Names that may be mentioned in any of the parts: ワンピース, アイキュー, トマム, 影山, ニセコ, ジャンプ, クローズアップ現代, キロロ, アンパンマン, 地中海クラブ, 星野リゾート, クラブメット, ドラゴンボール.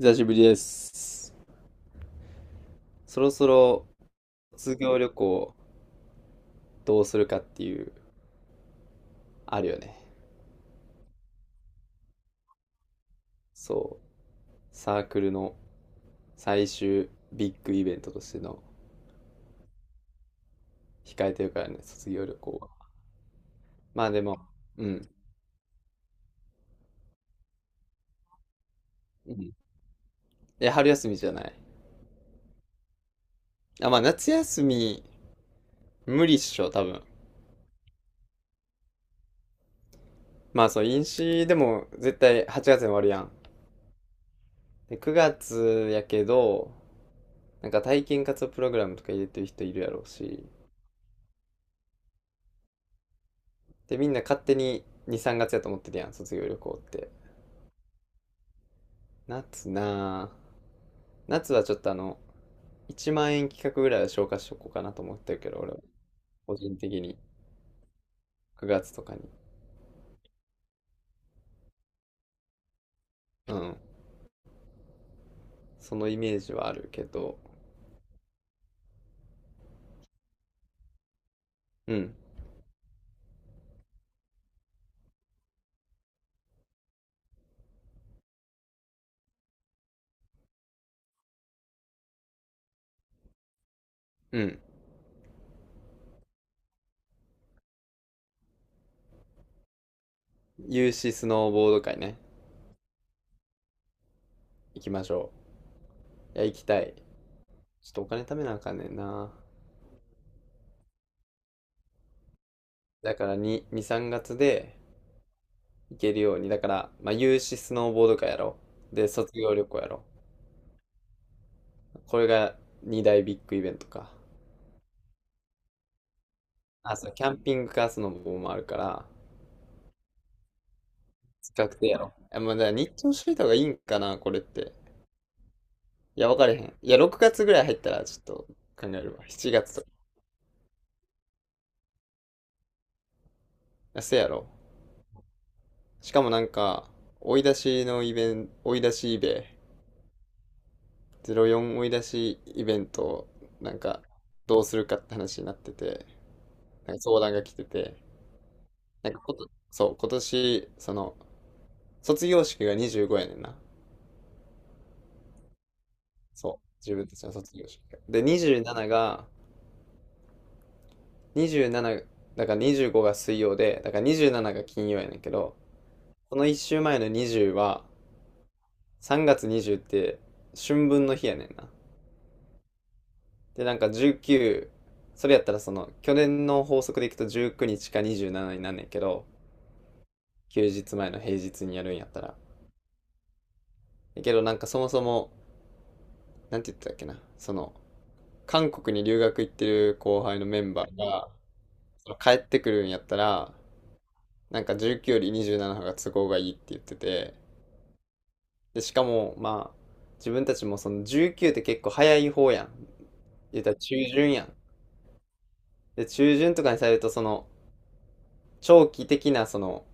久しぶりです。そろそろ卒業旅行どうするかっていう、あるよね。そう。サークルの最終ビッグイベントとしての控えてるからね、卒業旅行は。まあでも、うん。うん。え、春休みじゃない？あ、まあ夏休み無理っしょ、多分。まあそう、飲酒でも絶対8月に終わるやん。で、9月やけど、なんか体験活動プログラムとか入れてる人いるやろうし、で、みんな勝手に2、3月やと思ってるやん、卒業旅行って。夏なぁ。夏はちょっと1万円企画ぐらいは消化しとこうかなと思ってるけど、俺は。個人的に。9月とかに。うん。そのイメージはあるけど。うん。うん。有志スノーボード会ね。行きましょう。いや、行きたい。ちょっとお金貯めなあかんねんな。だから2、2、3月で行けるように。だから、まあ、有志スノーボード会やろう。で、卒業旅行やろう。これが2大ビッグイベントか。あ、そう、キャンピングカースノボもあるから、近くてやろう。え、もうだから日程しといた方がいいんかな、これって。いや、わかれへん。いや、6月ぐらい入ったらちょっと考えるわ。7月とか。あせやろ。しかもなんか、追い出しのイベント、追い出しイベ、04追い出しイベント、なんか、どうするかって話になってて、なんか相談が来てて、なんかこと、そう、今年、その、卒業式が25やねんな。そう、自分たちの卒業式が。で、27が、27だから25が水曜で、だから27が金曜やねんけど、この1週前の20は、3月20って春分の日やねんな。でなんか19、それやったらその去年の法則でいくと19日か27になんねんけど、休日前の平日にやるんやったら。だけどなんかそもそも、なんて言ってたっけな、その韓国に留学行ってる後輩のメンバーが、その帰ってくるんやったら、なんか19より27の方が都合がいいって言ってて、で、しかも、まあ、自分たちもその19って結構早い方やん。言ったら中旬やん。で、中旬とかにされると、その、長期的な、その、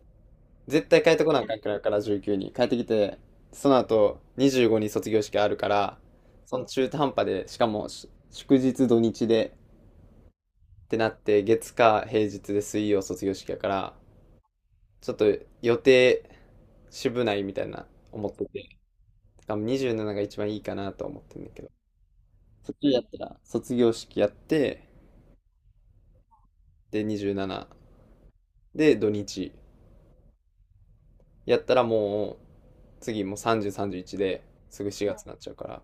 絶対帰ってこなあかんくから、19に。帰ってきて、その後、25に卒業式あるから、その中途半端で、しかも、祝日土日で、ってなって、月火平日で水曜卒業式やから、ちょっと予定、渋ないみたいな思ってて、しかも27が一番いいかなと思ってんだけど。そっちやったら、卒業式やって、で、27。で、土日。やったらもう、次もう30、31ですぐ4月になっちゃうから、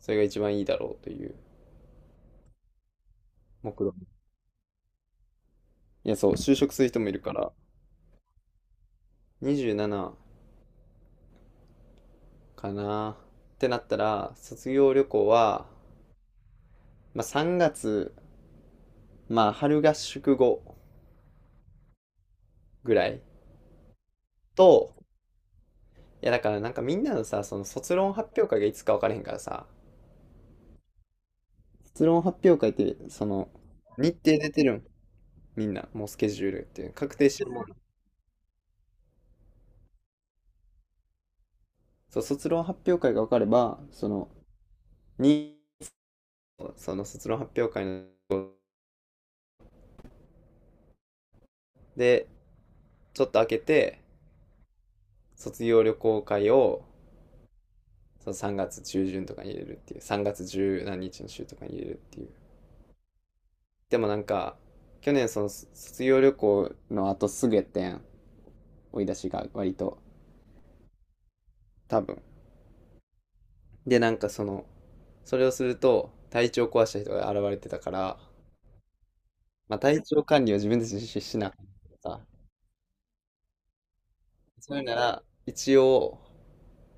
それが一番いいだろうという目論見。いや、そう、就職する人もいるから、27かなってなったら、卒業旅行は、まあ3月、まあ春合宿後ぐらいと、いやだからなんかみんなのさ、その卒論発表会がいつか分からへんからさ、卒論発表会って、その、日程出てるん？みんなもうスケジュールっていう確定してるもん？そう卒論発表会が分かれば、そのに、その卒論発表会のでちょっと開けて卒業旅行会を、その3月中旬とかに入れるっていう、3月十何日の週とかに入れるっていう。でもなんか去年その卒業旅行の後すぐやったやん、追い出しが割と。多分。でなんかその、それをすると体調壊した人が現れてたから、まあ、体調管理を自分たちでしなかった、そういうなら、一応、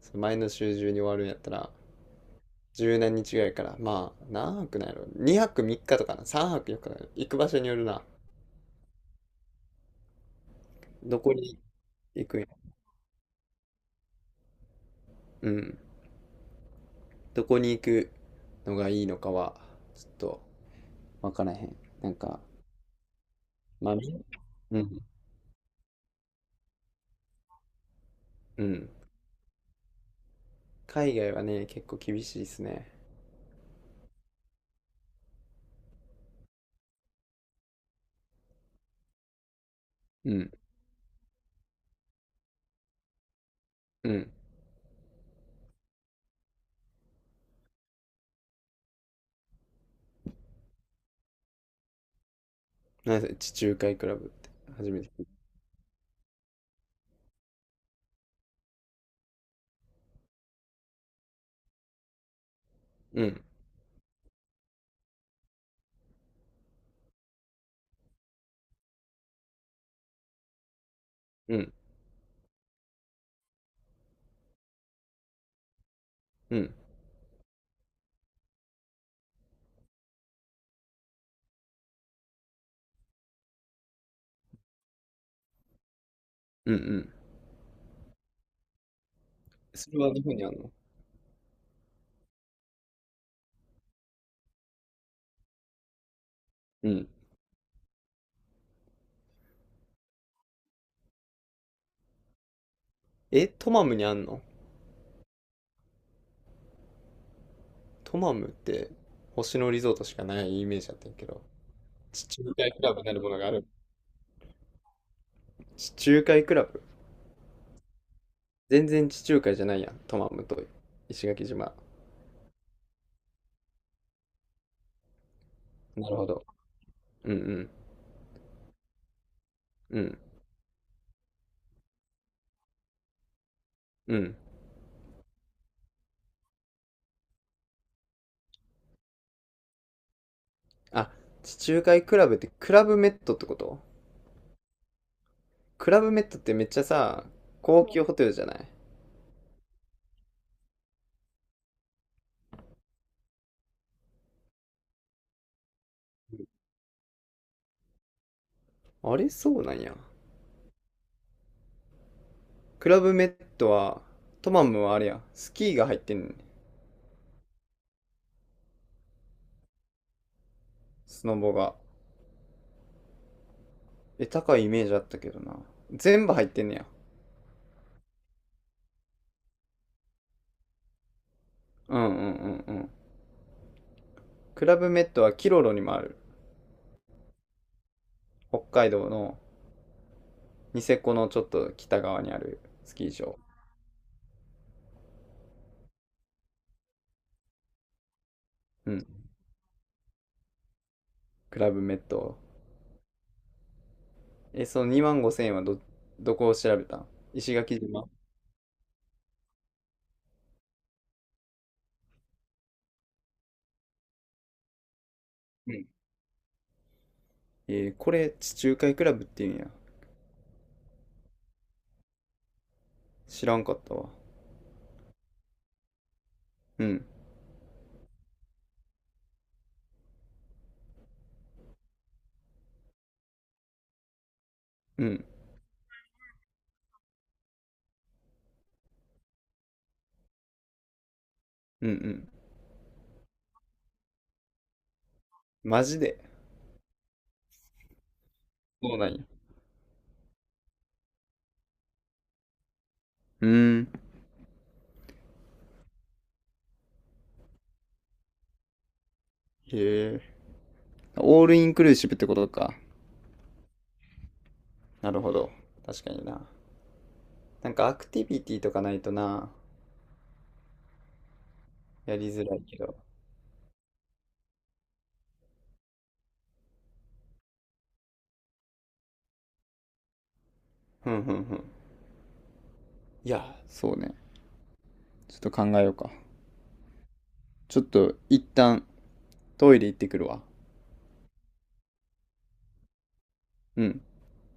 その前の週中に終わるんやったら、十何日ぐらいから、まあ、何泊なんやろ、2泊3日とかな、3泊4日とかな、行く場所によるな、どこに行くんや、うん、どこに行くのがいいのかは、ちょっと、わからへん。なんか、まあ、みんうん、うん。海外はね、結構厳しいですね。うん、うん。なんせ、地中海クラブって、初めて聞いた。うん、うん、うん、うん、うん。それは日本にあんの？うん。え、トマムにあんの？トマムって星野リゾートしかないイメージだったんやけど、地中海クラブなるものがある。地中海クラブ、全然地中海じゃないやん、トマムと石垣島。なるほど。うんうん。うんうん。あ、地中海クラブってクラブメットってこと？クラブメットってめっちゃさ、高級ホテルじゃない？あれそうなんや。クラブメットは、トマムはあれや、スキーが入ってんねん。スノボが。え、高いイメージあったけどな。全部入ってんねや。うんうんうんうん。クラブメットはキロロにもある。北海道の、ニセコのちょっと北側にあるスキー場。うん。クラブメット。え、その2万5千円はどこを調べたん？石垣島。うん。えーこれ、地中海クラブって言うんや。知らんかったわ。うん。うん。うんうん。マジで。そうなんや。うーん。へえ。オールインクルーシブってことか。なるほど。確かにな。なんかアクティビティとかないとな、やりづらいけど。ふんふんふん。いや、そうね。ちょっと考えようか。ちょっと一旦トイレ行ってくるわ。うん。